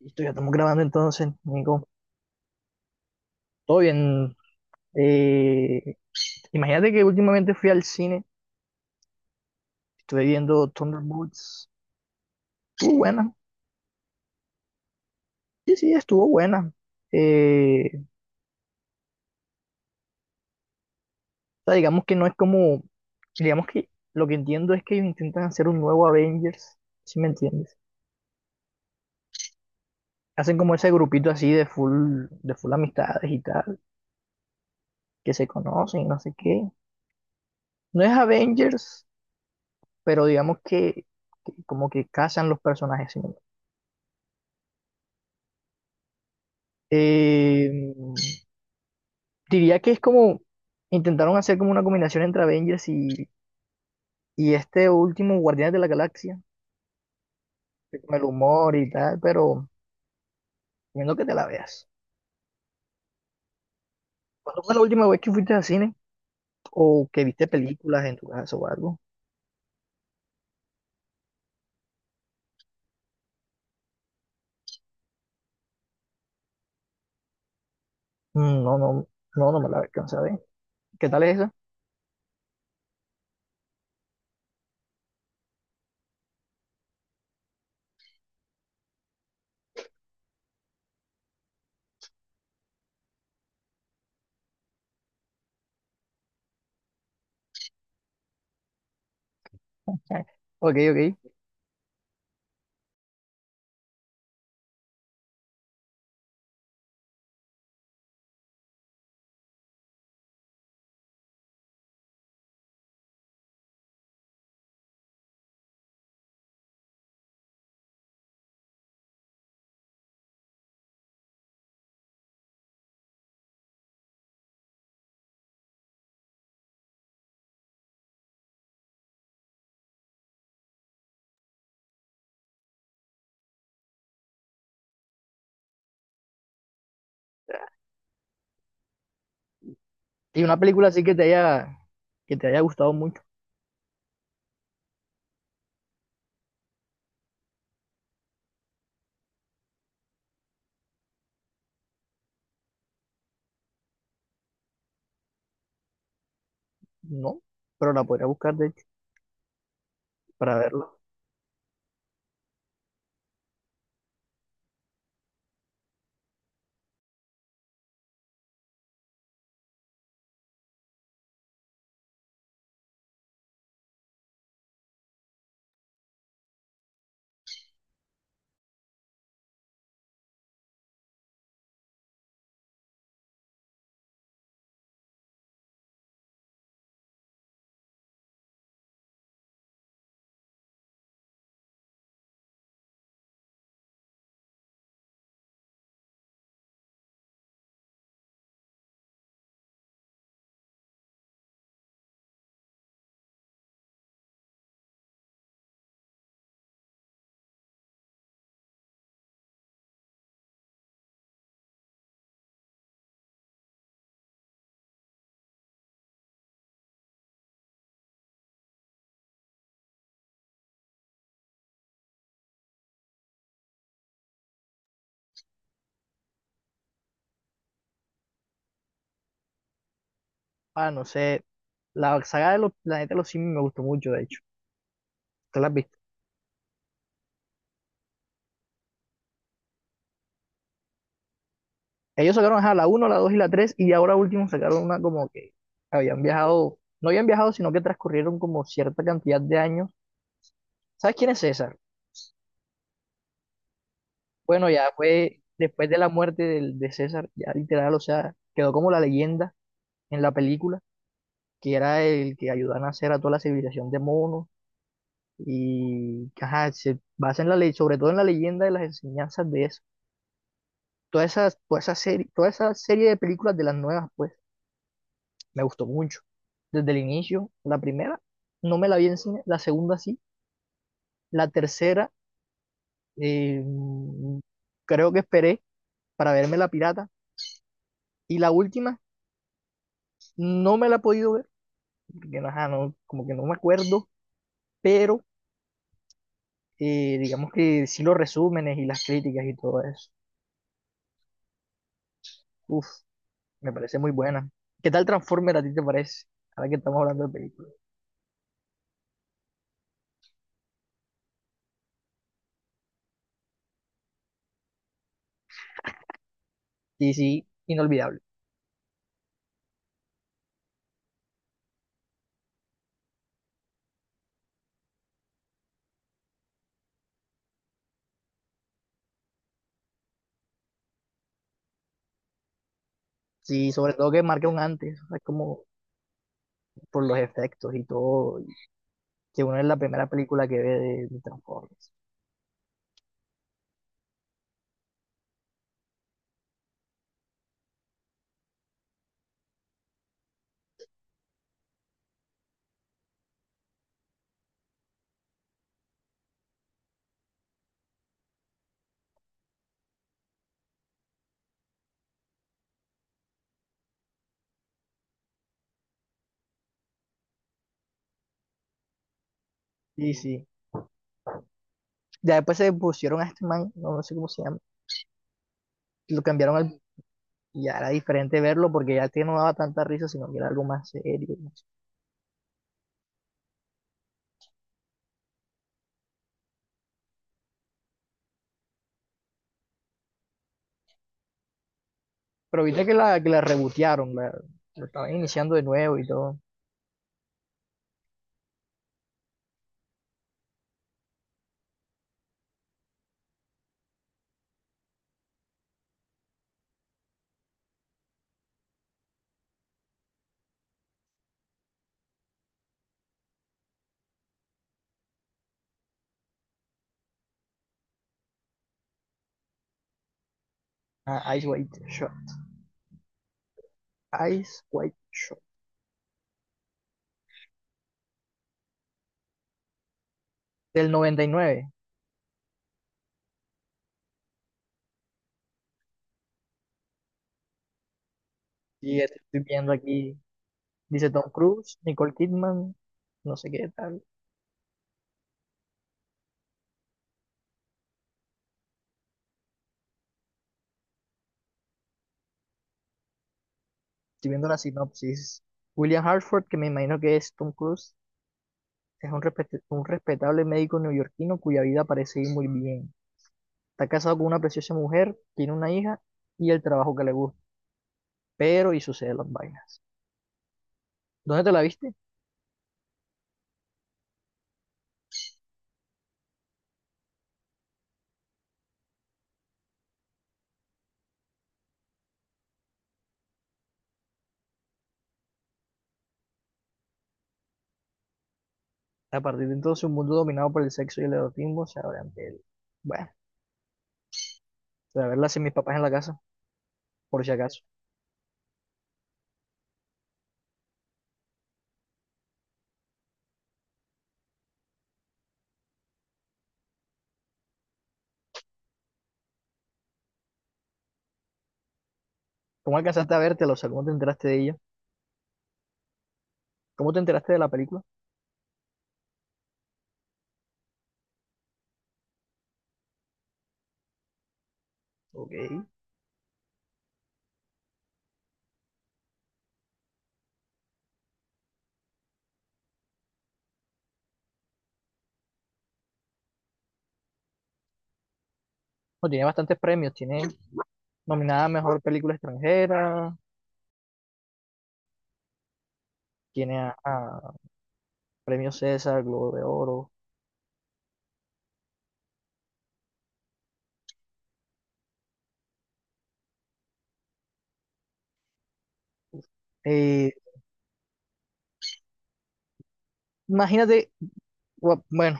Listo, ya estamos grabando entonces, Nico. Todo bien. Eh, Imagínate que últimamente fui al cine, estuve viendo Thunderbolts. Estuvo buena. Sí, sí, estuvo buena. Eh, o sea, digamos que no es digamos que lo que entiendo es que ellos intentan hacer un nuevo Avengers, si me entiendes. Hacen como ese grupito así de full amistades y tal, que se conocen, y no sé qué. No es Avengers, pero digamos que como que casan los personajes, ¿sí? Eh, Diría que es como intentaron hacer como una combinación entre Avengers y este último Guardianes de la Galaxia, que con el humor y tal, pero viendo que te la veas. ¿Cuándo fue la última vez que fuiste al cine o que viste películas en tu casa o algo? Mm, no, no, no, no me la alcanza a ver. ¿Qué tal es esa? Eh, Ok, ok. Y una película así que te haya gustado mucho, no, pero la podría buscar de hecho para verla. Ah, no sé, la saga de los planetas de los simios me gustó mucho de hecho. ¿Te la has visto? Ellos sacaron, ajá, la uno, la 2 y la tres, y ahora último sacaron una como que habían viajado, no habían viajado, sino que transcurrieron como cierta cantidad de años. ¿Sabes quién es César? Bueno, ya fue después de la muerte del- de César, ya literal, o sea, quedó como la leyenda en la película, que era el que ayudó a nacer a toda la civilización de monos y que, ajá, se basa en la ley, sobre todo en la leyenda de las enseñanzas de eso. Toda esa, toda esa serie de películas de las nuevas, pues, me gustó mucho. Desde el inicio, la primera, no me la vi en cine, la segunda sí, la tercera, eh, creo que esperé para verme La Pirata, y la última, no me la he podido ver, porque no, ajá, no, como que no me acuerdo, pero digamos que sí, los resúmenes y las críticas y todo eso, uf, me parece muy buena. ¿Qué tal Transformer a ti te parece? Ahora que estamos hablando de películas. Sí, sí, inolvidable. Sí, sobre todo que marca un antes, o sea, como por los efectos y todo, que uno es la primera película que ve de Transformers. Sí, sí. Ya después se pusieron a este man, no, no sé cómo se llama, lo cambiaron al... y era diferente verlo porque ya este no daba tanta risa, sino que era algo más serio, no sé. Pero viste que la rebotearon, la, lo estaban iniciando de nuevo y todo. Ah, Ice White Shot. Ice White Shot. Del 99. Y nueve. Y este estoy viendo aquí, dice Tom Cruise, Nicole Kidman, no sé qué tal. Estoy viendo la sinopsis. William Hartford, que me imagino que es Tom Cruise, es un, respet- un respetable médico neoyorquino cuya vida parece ir muy bien. Está casado con una preciosa mujer, tiene una hija y el trabajo que le gusta. Pero y suceden las vainas. ¿Dónde te la viste? A partir de entonces, un mundo dominado por el sexo y el erotismo se abre ante él. Bueno, voy a verla sin mis papás en la casa, por si acaso. ¿Cómo alcanzaste a vértela? O sea, ¿cómo te enteraste de ella? ¿Cómo te enteraste de la película? Ok. Bueno, tiene bastantes premios. Tiene nominada a Mejor Película Extranjera, tiene a Premio César, Globo de Oro. Eh, Imagínate bu- bueno,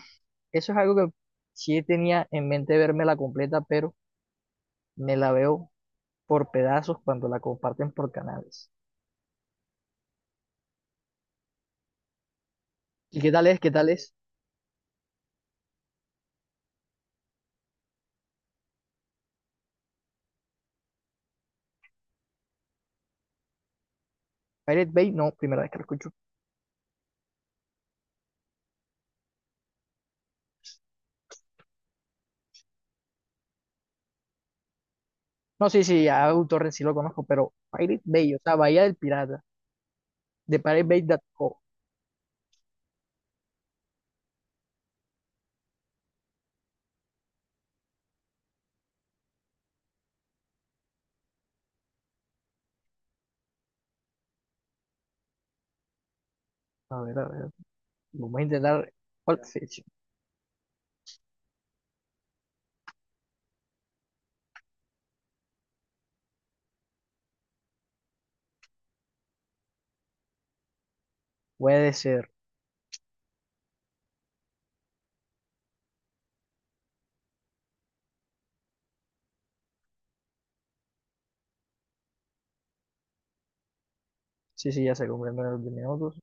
eso es algo que sí tenía en mente verme la completa, pero me la veo por pedazos cuando la comparten por canales. ¿Y qué tal es? ¿Qué tal es? Pirate Bay, no, primera vez que lo escucho. No, sí, sí, a torrent sí lo conozco, pero Pirate Bay, o sea, Bahía del Pirata, de pirate bay piratebay.co. A ver, vamos a intentar. ¿Cuál fecha? Puede ser. Sí, sí, ya se cumplieron los 10 minutos.